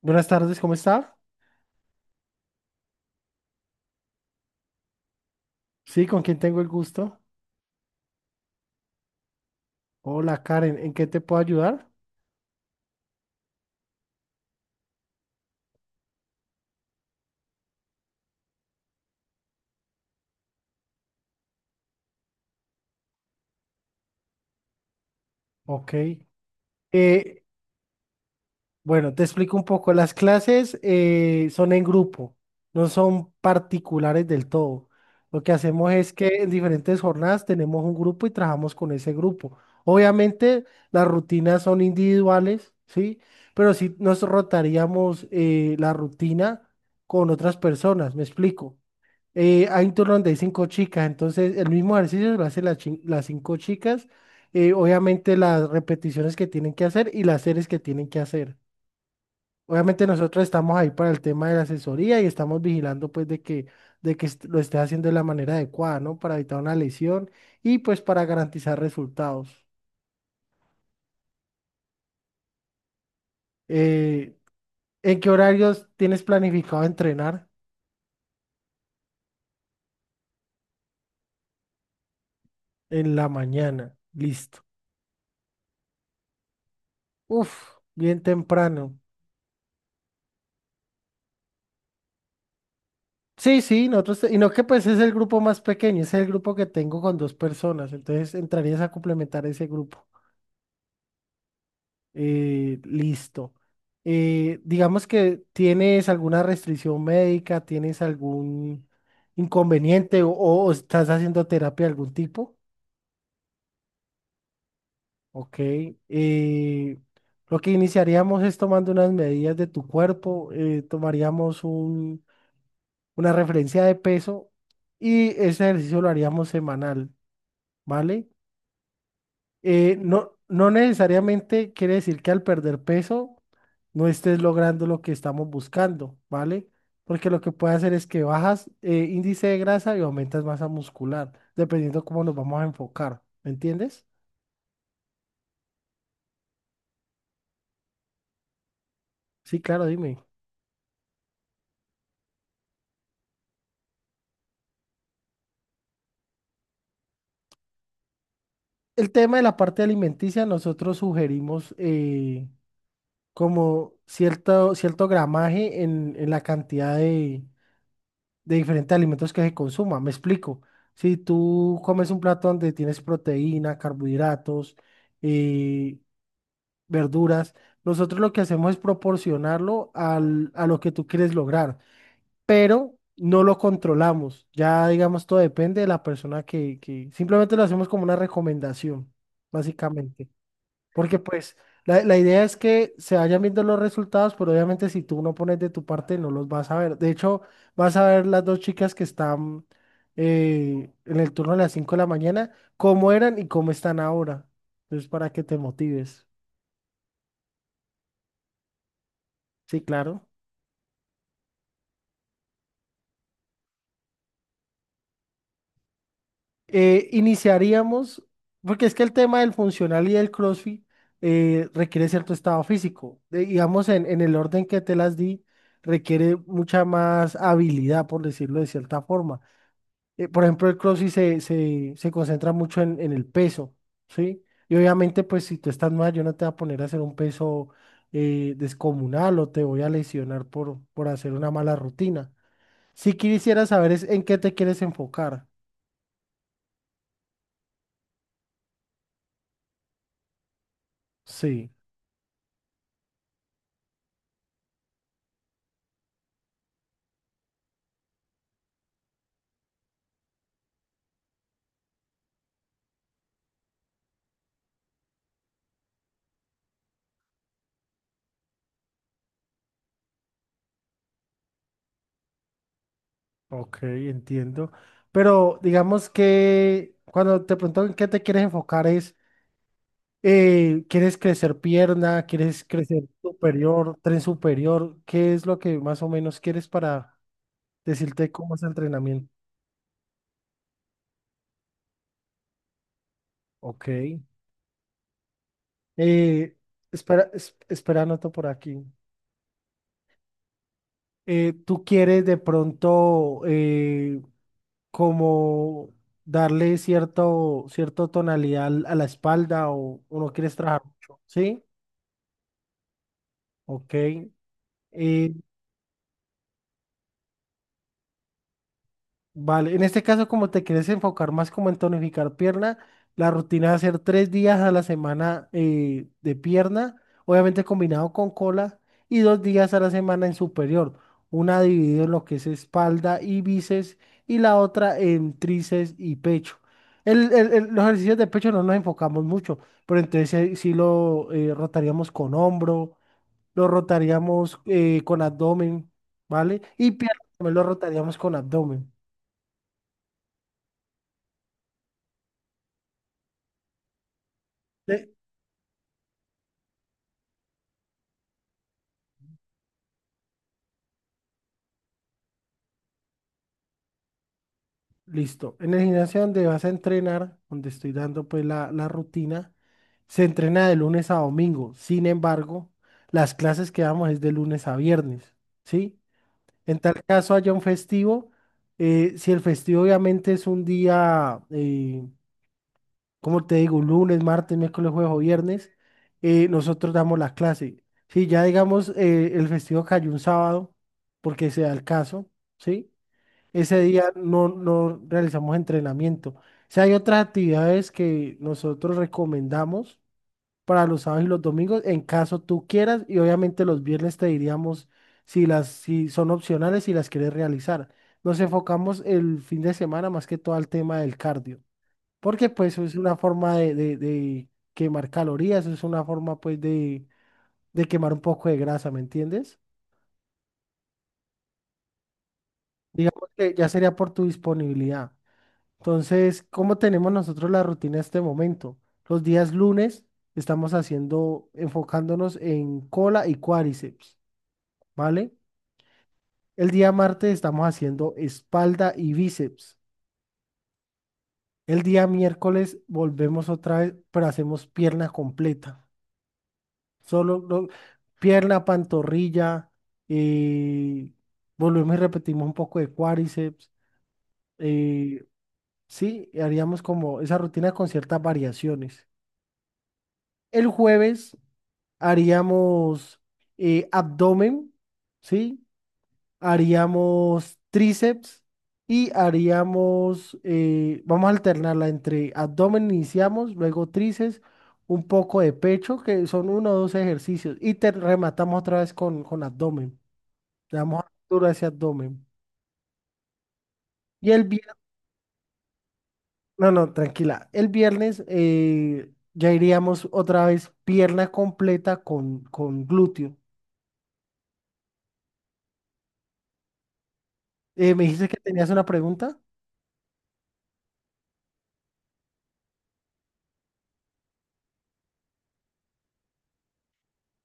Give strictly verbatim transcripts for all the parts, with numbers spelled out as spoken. Buenas tardes, ¿cómo está? Sí, ¿con quién tengo el gusto? Hola, Karen, ¿en qué te puedo ayudar? Ok. Eh, bueno, te explico un poco. Las clases eh, son en grupo, no son particulares del todo. Lo que hacemos es que en diferentes jornadas tenemos un grupo y trabajamos con ese grupo. Obviamente las rutinas son individuales, ¿sí? Pero sí nos rotaríamos eh, la rutina con otras personas, ¿me explico? Eh, hay un turno donde hay cinco chicas, entonces el mismo ejercicio lo hacen las, chin- las cinco chicas, eh, obviamente las repeticiones que tienen que hacer y las series que tienen que hacer. Obviamente nosotros estamos ahí para el tema de la asesoría y estamos vigilando pues de que, de que est- lo estés haciendo de la manera adecuada, ¿no? Para evitar una lesión y pues para garantizar resultados. Eh, ¿En qué horarios tienes planificado entrenar? En la mañana, listo. Uf, bien temprano. Sí, sí, nosotros, te- y no que pues es el grupo más pequeño, es el grupo que tengo con dos personas, entonces entrarías a complementar ese grupo. Eh, listo. Eh, digamos que tienes alguna restricción médica, tienes algún inconveniente o, o estás haciendo terapia de algún tipo, ok. Eh, lo que iniciaríamos es tomando unas medidas de tu cuerpo, eh, tomaríamos un- una referencia de peso y ese ejercicio lo haríamos semanal. ¿Vale? Eh, no, no necesariamente quiere decir que al perder peso no estés logrando lo que estamos buscando, ¿vale? Porque lo que puede hacer es que bajas eh, índice de grasa y aumentas masa muscular, dependiendo cómo nos vamos a enfocar, ¿me entiendes? Sí, claro, dime. El tema de la parte alimenticia, nosotros sugerimos eh, como cierto, cierto gramaje en, en la cantidad de, de diferentes alimentos que se consuma. Me explico. Si tú comes un plato donde tienes proteína, carbohidratos, eh, verduras, nosotros lo que hacemos es proporcionarlo al- a lo que tú quieres lograr, pero no lo controlamos. Ya, digamos, todo depende de la persona que, que simplemente lo hacemos como una recomendación, básicamente. Porque pues la, la idea es que se vayan viendo los resultados, pero obviamente si tú no pones de tu parte no los vas a ver. De hecho, vas a ver las dos chicas que están eh, en el turno de las cinco de la mañana, cómo eran y cómo están ahora. Entonces, para que te motives. Sí, claro. Eh, iniciaríamos, porque es que el tema del funcional y del CrossFit eh, requiere cierto estado físico. De- digamos, en, en el orden que te las di, requiere mucha más habilidad, por decirlo de cierta forma. Eh, por ejemplo, el CrossFit se, se, se concentra mucho en, en el peso, ¿sí? Y obviamente, pues si tú estás mal, yo no te voy a poner a hacer un peso eh, descomunal o te voy a lesionar por, por hacer una mala rutina. Si quisiera saber es en qué te quieres enfocar. Sí, ok, entiendo. Pero digamos que cuando te pregunto en qué te quieres enfocar es, eh, ¿quieres crecer pierna? ¿Quieres crecer superior, tren superior? ¿Qué es lo que más o menos quieres para... Decirte cómo es el entrenamiento. Ok. Eh, Espera, es- espera, anoto por aquí. Eh, ¿tú quieres de pronto eh, como darle cierto, cierto tonalidad al- a la espalda o, o no quieres trabajar mucho? ¿Sí? Ok. Eh, Vale, en este caso, como te quieres enfocar más como en tonificar pierna, la rutina va a ser tres días a la semana eh, de pierna, obviamente combinado con cola, y dos días a la semana en superior. Una dividida en lo que es espalda y bíceps, y la otra en tríceps y pecho. El, el- el- los ejercicios de pecho no nos enfocamos mucho, pero entonces eh, sí, lo eh, rotaríamos con hombro, lo rotaríamos eh, con abdomen, ¿vale? Y pierna también lo rotaríamos con abdomen. Listo. En el gimnasio donde vas a entrenar, donde estoy dando pues la, la rutina, se entrena de lunes a domingo. Sin embargo, las clases que damos es de lunes a viernes, ¿sí? En tal caso haya un festivo, eh, si el festivo obviamente es un día, eh, como te digo, lunes, martes, miércoles, jueves o viernes, eh, nosotros damos la clase. Si ya digamos eh, el festivo cayó un sábado, porque sea el caso, ¿sí? Ese día no, no realizamos entrenamiento. O sea, hay otras actividades que nosotros recomendamos para los sábados y los domingos en caso tú quieras y obviamente los viernes te diríamos si las si son opcionales si las quieres realizar. Nos enfocamos el fin de semana más que todo al tema del cardio, porque pues es una forma de, de, de quemar calorías, es una forma pues de, de quemar un poco de grasa, ¿me entiendes? Digamos que ya sería por tu disponibilidad. Entonces, ¿cómo tenemos nosotros la rutina en este momento? Los días lunes estamos haciendo, enfocándonos en cola y cuádriceps, ¿vale? El día martes estamos haciendo espalda y bíceps. El día miércoles volvemos otra vez, pero hacemos pierna completa. Solo lo- pierna, pantorrilla, eh, volvemos y repetimos un poco de cuádriceps. eh, sí, haríamos como esa rutina con ciertas variaciones. El jueves haríamos eh, abdomen, ¿sí? Haríamos tríceps y haríamos, eh, vamos a alternarla entre abdomen, iniciamos, luego tríceps, un poco de pecho, que son uno o dos ejercicios, y te rematamos otra vez con, con abdomen. Le damos duro a ese abdomen. Y el viernes, no, no, tranquila, el viernes eh, ya iríamos otra vez pierna completa con, con glúteo. Eh, ¿me dijiste que tenías una pregunta?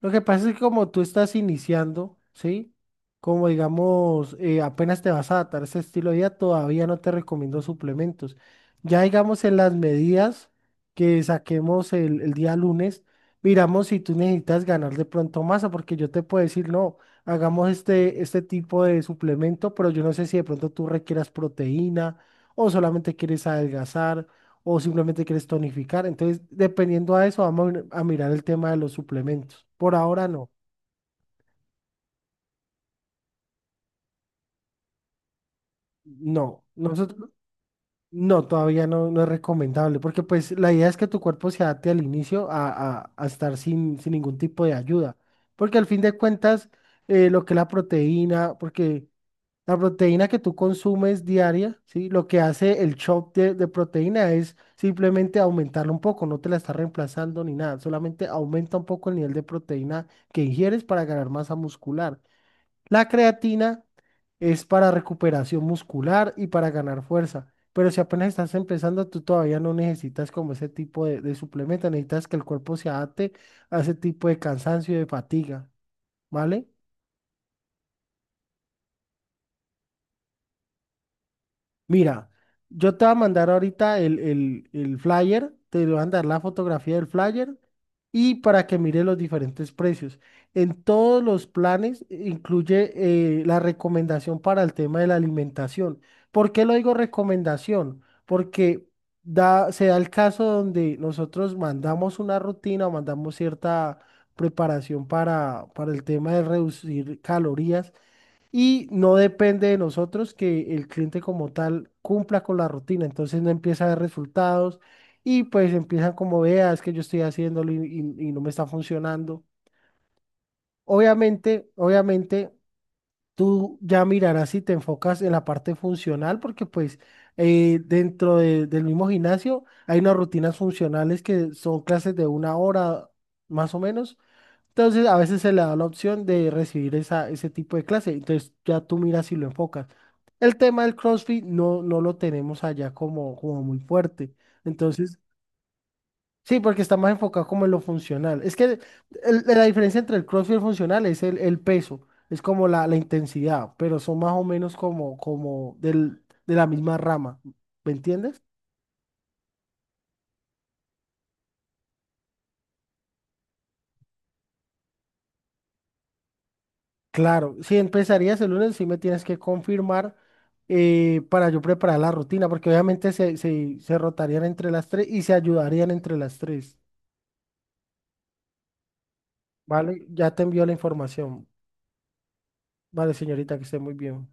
Lo que pasa es que como tú estás iniciando, ¿sí? Como digamos, eh, apenas te vas a adaptar a ese estilo de vida, todavía no te recomiendo suplementos. Ya digamos en las medidas que saquemos el, el día lunes, miramos si tú necesitas ganar de pronto masa, porque yo te puedo decir, no, hagamos este, este tipo de suplemento, pero yo no sé si de pronto tú requieras proteína o solamente quieres adelgazar o simplemente quieres tonificar. Entonces, dependiendo a eso, vamos a a mirar el tema de los suplementos. Por ahora no, no, nosotros no, todavía no, no es recomendable, porque pues la idea es que tu cuerpo se adapte al inicio a, a- a estar sin, sin ningún tipo de ayuda, porque al fin de cuentas, eh, lo que es la proteína, porque la proteína que tú consumes diaria, ¿sí? Lo que hace el chop de, de proteína es simplemente aumentarla un poco, no te la está reemplazando ni nada, solamente aumenta un poco el nivel de proteína que ingieres para ganar masa muscular. La creatina es para recuperación muscular y para ganar fuerza, pero si apenas estás empezando, tú todavía no necesitas como ese tipo de, de suplemento, necesitas que el cuerpo se adapte a ese tipo de cansancio y de fatiga, ¿vale? Mira, yo te voy a mandar ahorita el, el, el flyer, te voy a mandar la fotografía del flyer y para que mire los diferentes precios. En todos los planes incluye eh, la recomendación para el tema de la alimentación. ¿Por qué lo digo recomendación? Porque da, se da el caso donde nosotros mandamos una rutina o mandamos cierta preparación para, para el tema de reducir calorías y no depende de nosotros que el cliente como tal cumpla con la rutina, entonces no empieza a ver resultados y pues empiezan como veas es que yo estoy haciéndolo y, y- y no me está funcionando. Obviamente, obviamente tú ya mirarás si te enfocas en la parte funcional porque pues eh, dentro de- del mismo gimnasio hay unas rutinas funcionales que son clases de una hora más o menos, entonces, a veces se le da la opción de recibir esa, ese tipo de clase. Entonces, ya tú miras si lo enfocas. El tema del CrossFit no, no lo tenemos allá como, como, muy fuerte. Entonces, sí, porque está más enfocado como en lo funcional. Es que el- la diferencia entre el CrossFit y el funcional es el, el peso, es como la, la intensidad, pero son más o menos como, como del, de la misma rama. ¿Me entiendes? Claro, si empezarías el lunes, sí me tienes que confirmar eh, para yo preparar la rutina, porque obviamente se, se, se rotarían entre las tres y se ayudarían entre las tres. Vale, ya te envío la información. Vale, señorita, que esté muy bien.